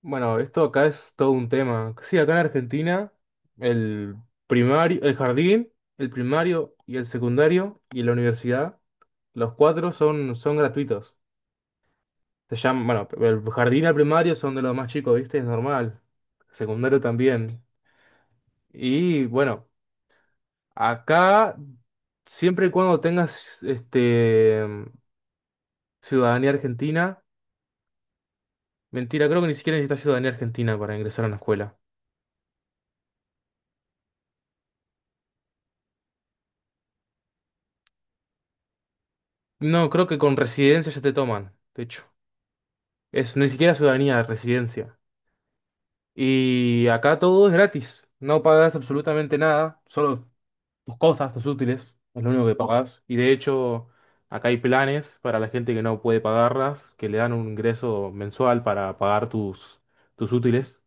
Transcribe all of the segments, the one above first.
Bueno, esto acá es todo un tema. Sí, acá en Argentina, el primario, el jardín, el primario y el secundario y la universidad, los cuatro son gratuitos. Se llaman, bueno, el jardín y el primario son de los más chicos, ¿viste? Es normal. Secundario también. Y bueno, acá, siempre y cuando tengas ciudadanía argentina, mentira, creo que ni siquiera necesitas ciudadanía argentina para ingresar a una escuela. No, creo que con residencia ya te toman, de hecho. Es ni siquiera ciudadanía, residencia. Y acá todo es gratis. No pagas absolutamente nada, solo tus cosas, tus útiles, es lo único que pagas. Y de hecho, acá hay planes para la gente que no puede pagarlas, que le dan un ingreso mensual para pagar tus útiles.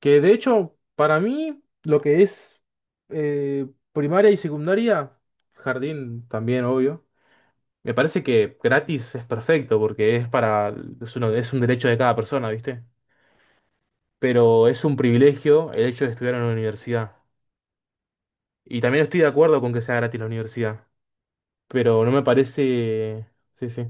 Que de hecho, para mí, lo que es primaria y secundaria, jardín también, obvio. Me parece que gratis es perfecto porque es para, es uno- es un derecho de cada persona, ¿viste? Pero es un privilegio el hecho de estudiar en la universidad. Y también estoy de acuerdo con que sea gratis la universidad, pero no me parece. Sí, sí.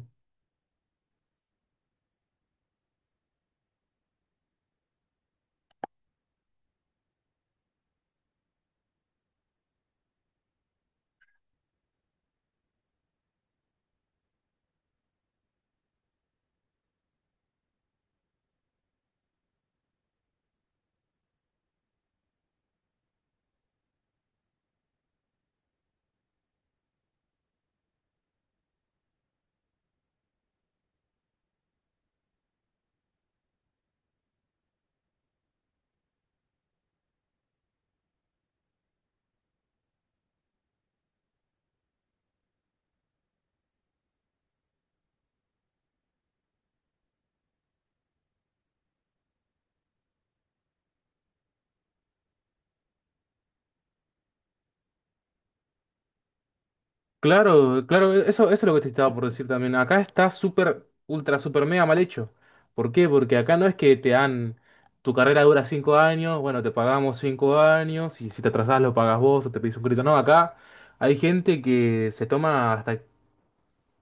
Claro, claro, eso es lo que te estaba por decir también. Acá está súper, ultra, súper mega mal hecho. ¿Por qué? Porque acá no es que te dan. Tu carrera dura 5 años, bueno, te pagamos 5 años, y si te atrasás lo pagas vos o te pedís un crédito. No, acá hay gente que se toma hasta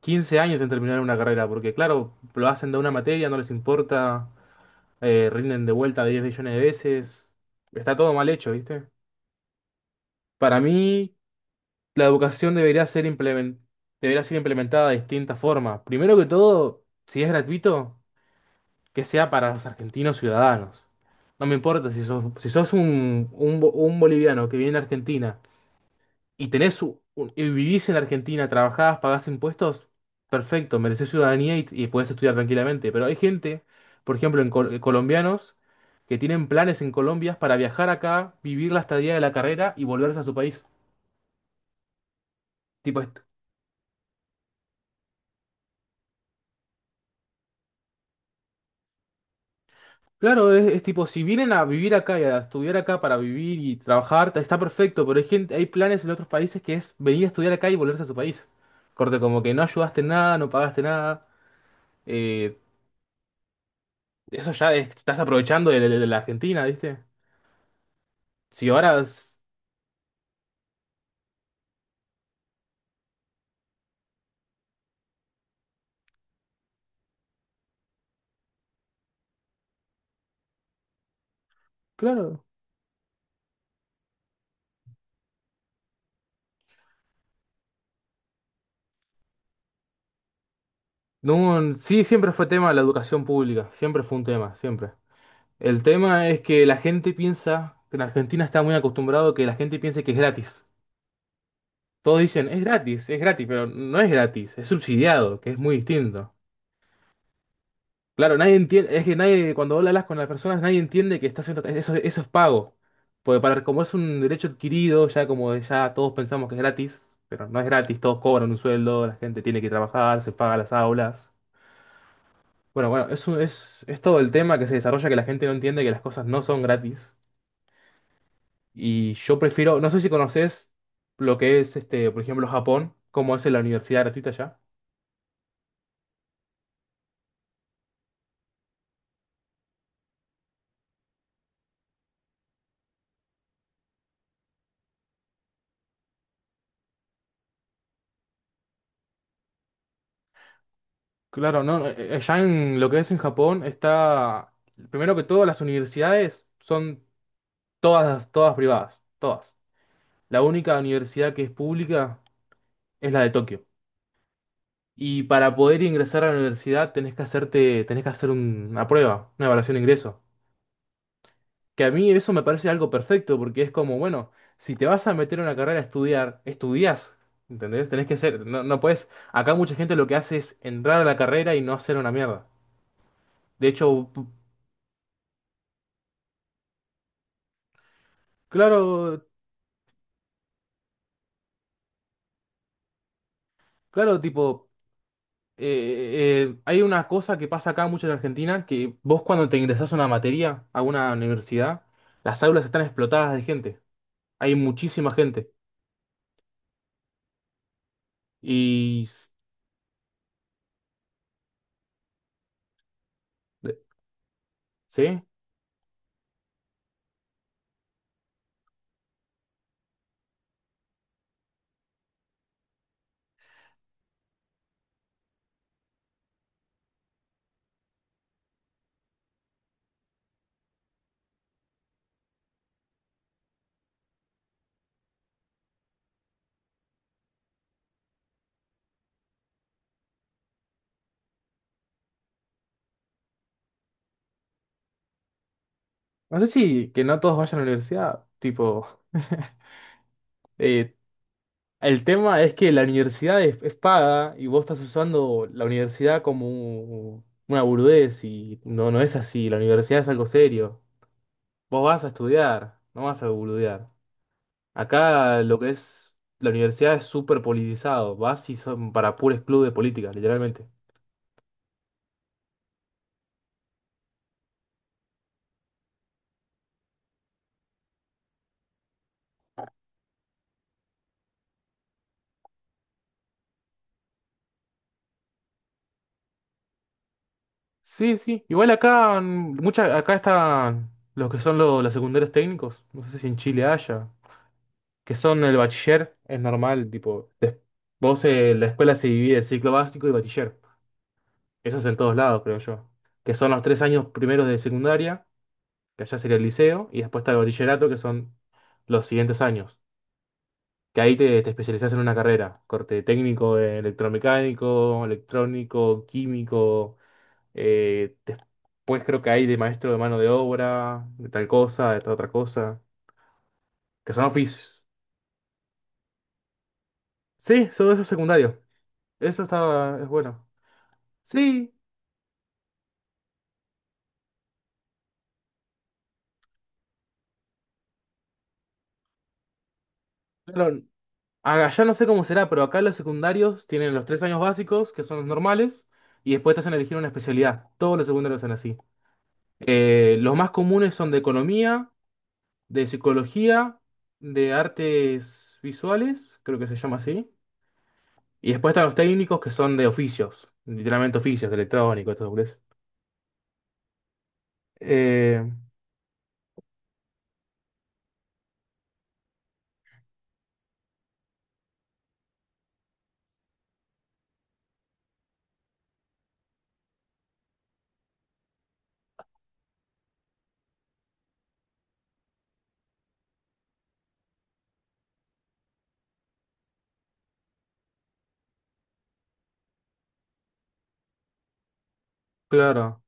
15 años en terminar una carrera, porque claro, lo hacen de una materia, no les importa. Rinden de vuelta 10 billones de veces. Está todo mal hecho, ¿viste? Para mí, la educación debería ser implementada de distintas formas. Primero que todo, si es gratuito, que sea para los argentinos ciudadanos. No me importa si sos, si sos un boliviano que viene a Argentina y y vivís en Argentina, trabajás, pagás impuestos, perfecto, merecés ciudadanía y podés estudiar tranquilamente. Pero hay gente, por ejemplo, colombianos, que tienen planes en Colombia para viajar acá, vivir la estadía de la carrera y volverse a su país. Tipo esto. Claro, es tipo, si vienen a vivir acá y a estudiar acá para vivir y trabajar, está perfecto, pero hay gente, hay planes en otros países que es venir a estudiar acá y volverse a su país. Corte, como que no ayudaste en nada, no pagaste nada. eh, Eso ya estás aprovechando de la Argentina, ¿viste? Si ahora, claro. No, sí, siempre fue tema la educación pública, siempre fue un tema, siempre. El tema es que la gente piensa, que en Argentina está muy acostumbrado que la gente piense que es gratis. Todos dicen, es gratis, pero no es gratis, es subsidiado, que es muy distinto. Claro, nadie entiende, es que nadie, cuando hablas con las personas, nadie entiende que está haciendo, eso es pago. Porque para, como es un derecho adquirido, ya como ya todos pensamos que es gratis, pero no es gratis, todos cobran un sueldo, la gente tiene que trabajar, se paga las aulas. Bueno, bueno, eso es todo el tema que se desarrolla que la gente no entiende que las cosas no son gratis. Y yo prefiero, no sé si conoces lo que es por ejemplo, Japón, cómo es la universidad gratuita allá. Claro, no, allá en lo que es en Japón está, primero que todo, las universidades son todas, todas privadas, todas. La única universidad que es pública es la de Tokio. Y para poder ingresar a la universidad tenés que hacer una prueba, una evaluación de ingreso. Que a mí eso me parece algo perfecto, porque es como, bueno, si te vas a meter en una carrera a estudiar, estudias, ¿entendés? Tenés que ser, no, no puedes, acá mucha gente lo que hace es entrar a la carrera y no hacer una mierda. De hecho, claro. Claro, tipo, hay una cosa que pasa acá mucho en Argentina, que vos cuando te ingresás a una materia, a una universidad, las aulas están explotadas de gente. Hay muchísima gente. Y, s- de- ¿Sí? No sé si que no todos vayan a la universidad, tipo, eh, el tema es que la universidad es paga y vos estás usando la universidad como una burudez y no, no es así, la universidad es algo serio. Vos vas a estudiar, no vas a boludear. Acá lo que es la universidad es súper politizado. Vas y son para puros clubes de política, literalmente. Sí, sí. Igual acá, acá están los que son los secundarios técnicos. No sé si en Chile haya. Que son el bachiller, es normal, tipo. Vos en la escuela se divide en ciclo básico y bachiller. Eso es en todos lados, creo yo. Que son los 3 años primeros de secundaria, que allá sería el liceo, y después está el bachillerato, que son los siguientes años. Que ahí te especializás en una carrera, corte técnico en electromecánico, electrónico, químico, después creo que hay de maestro de mano de obra, de tal cosa, de tal otra cosa, que son oficios. Sí, todo eso es secundario, eso está, es bueno. Sí, pero allá no sé cómo será, pero acá los secundarios tienen los 3 años básicos, que son los normales, y después te hacen elegir una especialidad, todos los secundarios son así. Los más comunes son de economía, de psicología, de artes visuales, creo que se llama así. Y después están los técnicos que son de oficios, literalmente oficios, de electrónico, esto es. Eh, claro.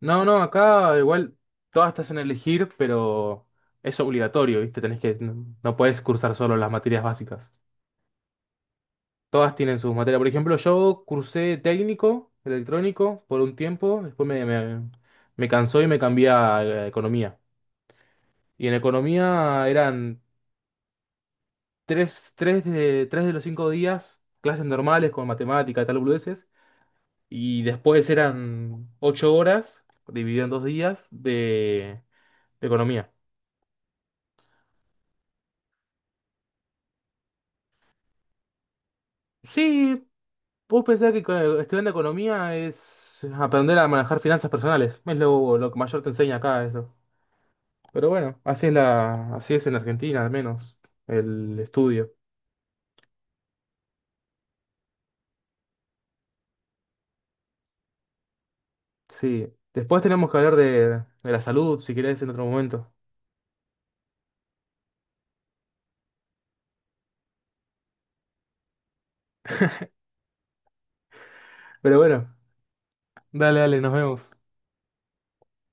No, no, acá igual todas te en elegir, pero es obligatorio, ¿viste? Tenés que, no, no podés cursar solo las materias básicas. Todas tienen sus materias. Por ejemplo, yo cursé técnico, electrónico, por un tiempo, después me cansó y me cambié a economía. Y en economía eran tres de los cinco días, clases normales con matemática, tal, boludeces. Y después eran 8 horas, dividido en 2 días, de economía. Sí, vos pensás que estudiando economía es aprender a manejar finanzas personales. Es lo que mayor te enseña acá eso. Pero bueno, así es en Argentina al menos, el estudio. Sí. Después tenemos que hablar de la salud, si querés, en otro momento. Pero bueno, dale, dale, nos vemos.